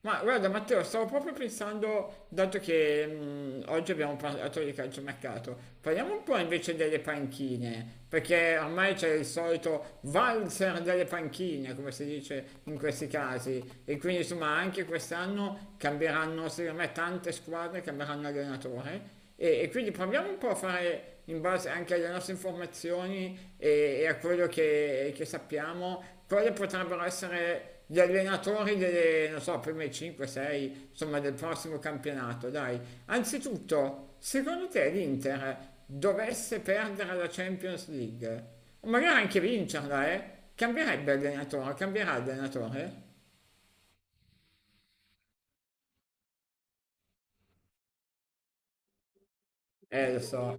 Ma guarda Matteo, stavo proprio pensando, dato che oggi abbiamo parlato di calciomercato, parliamo un po' invece delle panchine, perché ormai c'è il solito valzer delle panchine, come si dice in questi casi, e quindi insomma anche quest'anno cambieranno, secondo me, tante squadre cambieranno allenatore. E quindi proviamo un po' a fare, in base anche alle nostre informazioni e a quello che sappiamo, quali potrebbero essere gli allenatori delle, non so, prime 5, 6, insomma del prossimo campionato, dai. Anzitutto, secondo te l'Inter dovesse perdere la Champions League, o magari anche vincerla, eh? Cambierebbe allenatore, cambierà allenatore? Lo so.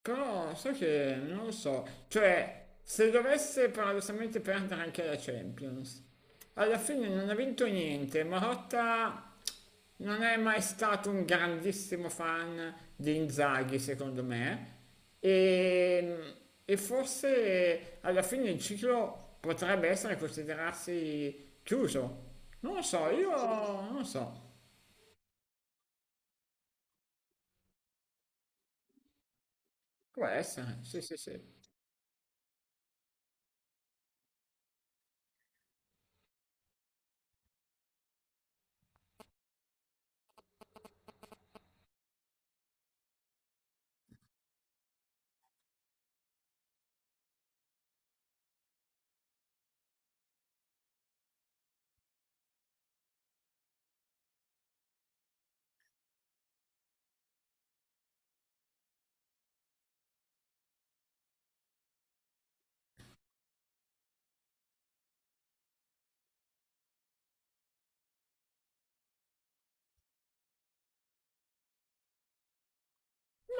Però sai che non lo so, cioè se dovesse paradossalmente perdere anche la Champions, alla fine non ha vinto niente, Marotta non è mai stato un grandissimo fan di Inzaghi secondo me e, e forse alla fine il ciclo potrebbe essere considerarsi chiuso. Non lo so, io non lo so, può essere, sì sì sì.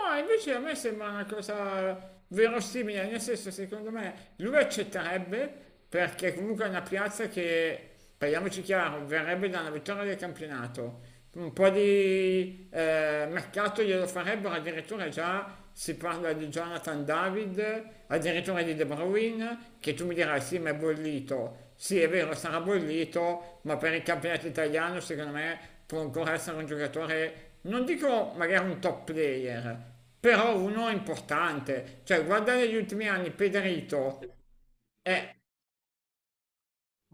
Ma invece a me sembra una cosa verosimile, nel senso secondo me lui accetterebbe perché comunque è una piazza che, parliamoci chiaro, verrebbe da una vittoria del campionato. Un po' di mercato glielo farebbero, addirittura già si parla di Jonathan David, addirittura di De Bruyne, che tu mi dirai sì, ma è bollito. Sì, è vero, sarà bollito, ma per il campionato italiano secondo me può ancora essere un giocatore, non dico magari un top player, però uno importante. Cioè, guardare gli ultimi anni, Pederito è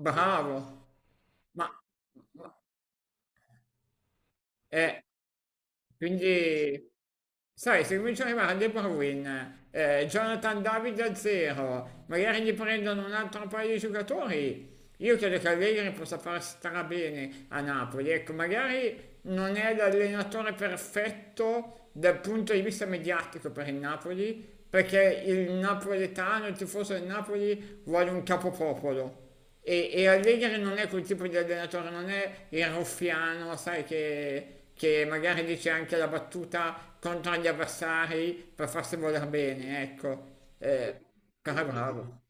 bravo, ma ma- è Quindi, sai, se cominciano ad arrivare De Bruyne, Jonathan David a zero, magari gli prendono un altro paio di giocatori, io credo che Allegri possa far strabene a Napoli. Ecco, magari non è l'allenatore perfetto dal punto di vista mediatico per il Napoli, perché il napoletano, il tifoso del Napoli, vuole un capopopolo. E Allegri non è quel tipo di allenatore, non è il ruffiano, sai, che magari dice anche la battuta contro gli avversari per farsi voler bene, ecco. Però è bravo.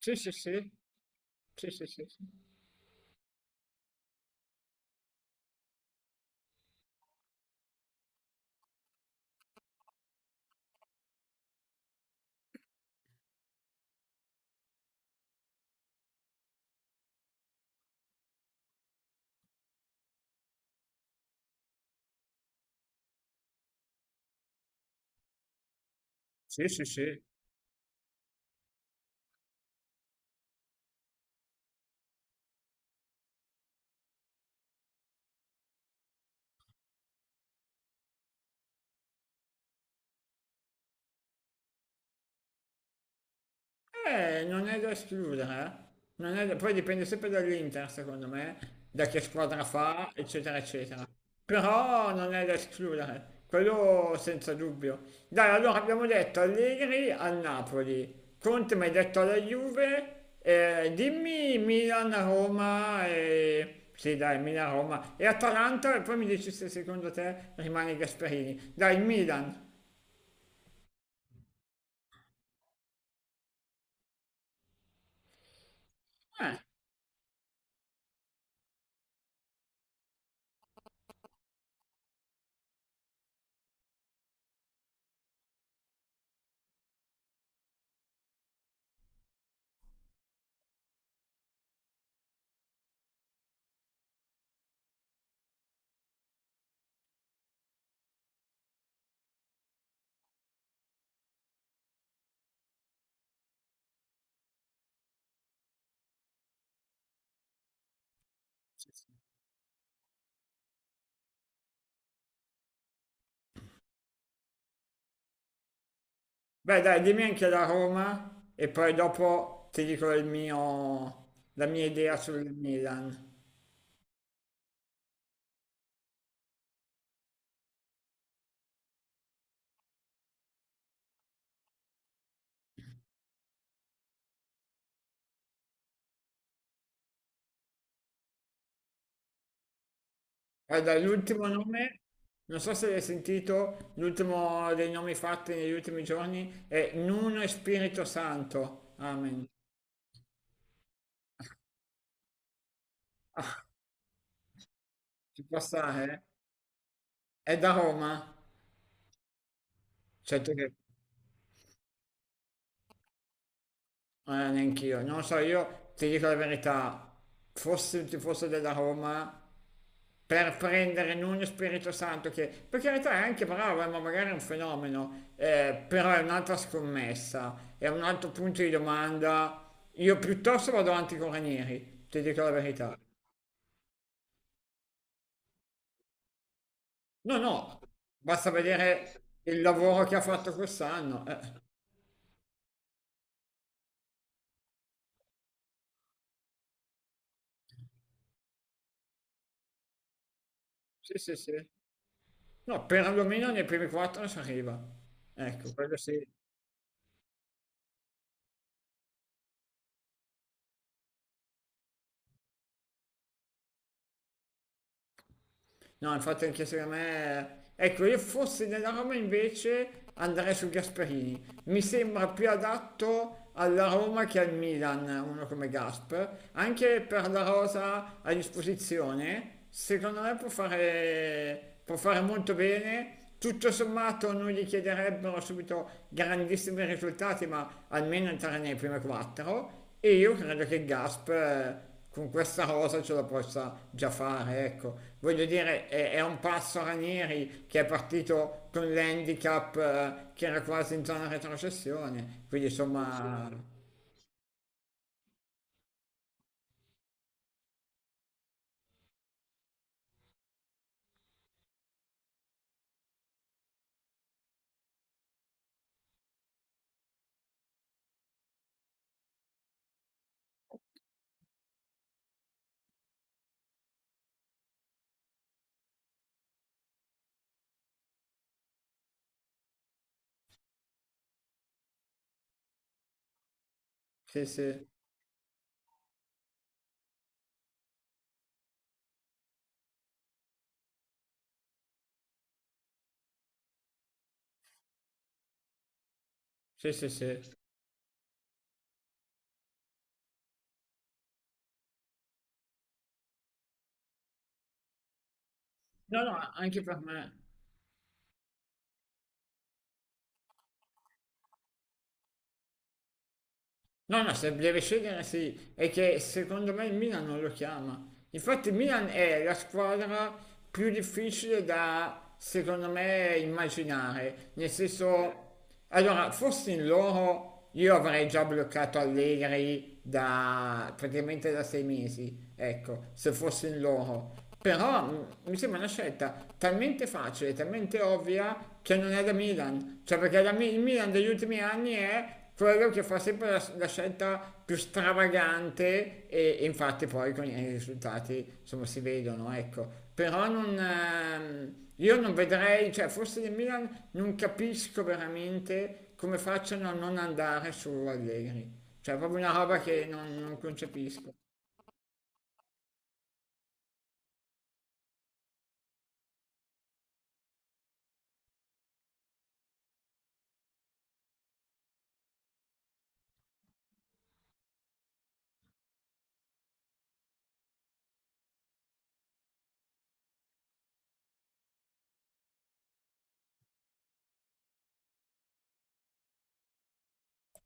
Sì, sì, sì, sì, sì, sì, sì, sì, sì, sì. Non è da escludere, eh. Non è da- Poi dipende sempre dall'Inter, secondo me, da che squadra fa, eccetera, eccetera. Però non è da escludere, quello senza dubbio. Dai, allora abbiamo detto Allegri al Napoli, Conte mi hai detto alla Juve, dimmi Sì, dai, Milan, Roma e Atalanta e poi mi dici se secondo te rimane Gasperini. Dai, Milan. Eh, Beh, dai, dimmi anche la Roma e poi dopo ti dico la mia idea sul Milan. Guarda, l'ultimo nome, non so se l'hai sentito, l'ultimo dei nomi fatti negli ultimi giorni è Nuno e Spirito Santo. Amen. Ci può stare? È da Roma. Certo che neanch'io, non lo so, io ti dico la verità, fossi un tifoso della Roma, per prendere Nuno Spirito Santo, che per carità è anche bravo, ma magari è un fenomeno, però è un'altra scommessa, è un altro punto di domanda. Io piuttosto vado avanti con Ranieri, ti dico la verità. No, no, basta vedere il lavoro che ha fatto quest'anno. Eh. Sì, sì, sì. No, perlomeno nei primi quattro si arriva. Ecco, quello sì. No, infatti anche secondo me. Ecco, io fossi della Roma invece andrei su Gasperini. Mi sembra più adatto alla Roma che al Milan, uno come Gasp. Anche per la rosa a disposizione, secondo me può fare molto bene. Tutto sommato non gli chiederebbero subito grandissimi risultati, ma almeno entrare nei primi quattro. E io credo che Gasp con questa rosa ce la possa già fare, ecco. Voglio dire, è un passo Ranieri che è partito con l'handicap che era quasi in zona retrocessione, quindi insomma, sì, sì, sì, sì, sì. No, no, anche per me. No, no, se deve scegliere sì, è che secondo me il Milan non lo chiama. Infatti il Milan è la squadra più difficile da, secondo me, immaginare. Nel senso, allora, fossi in loro, io avrei già bloccato Allegri da praticamente da 6 mesi, ecco, se fossi in loro. Però mi sembra una scelta talmente facile, talmente ovvia che non è da Milan. Cioè, perché il Milan degli ultimi anni è quello che fa sempre la scelta più stravagante e infatti poi con i risultati insomma si vedono, ecco. Però non, io non vedrei, cioè forse del Milan non capisco veramente come facciano a non andare su Allegri. Cioè è proprio una roba che non concepisco.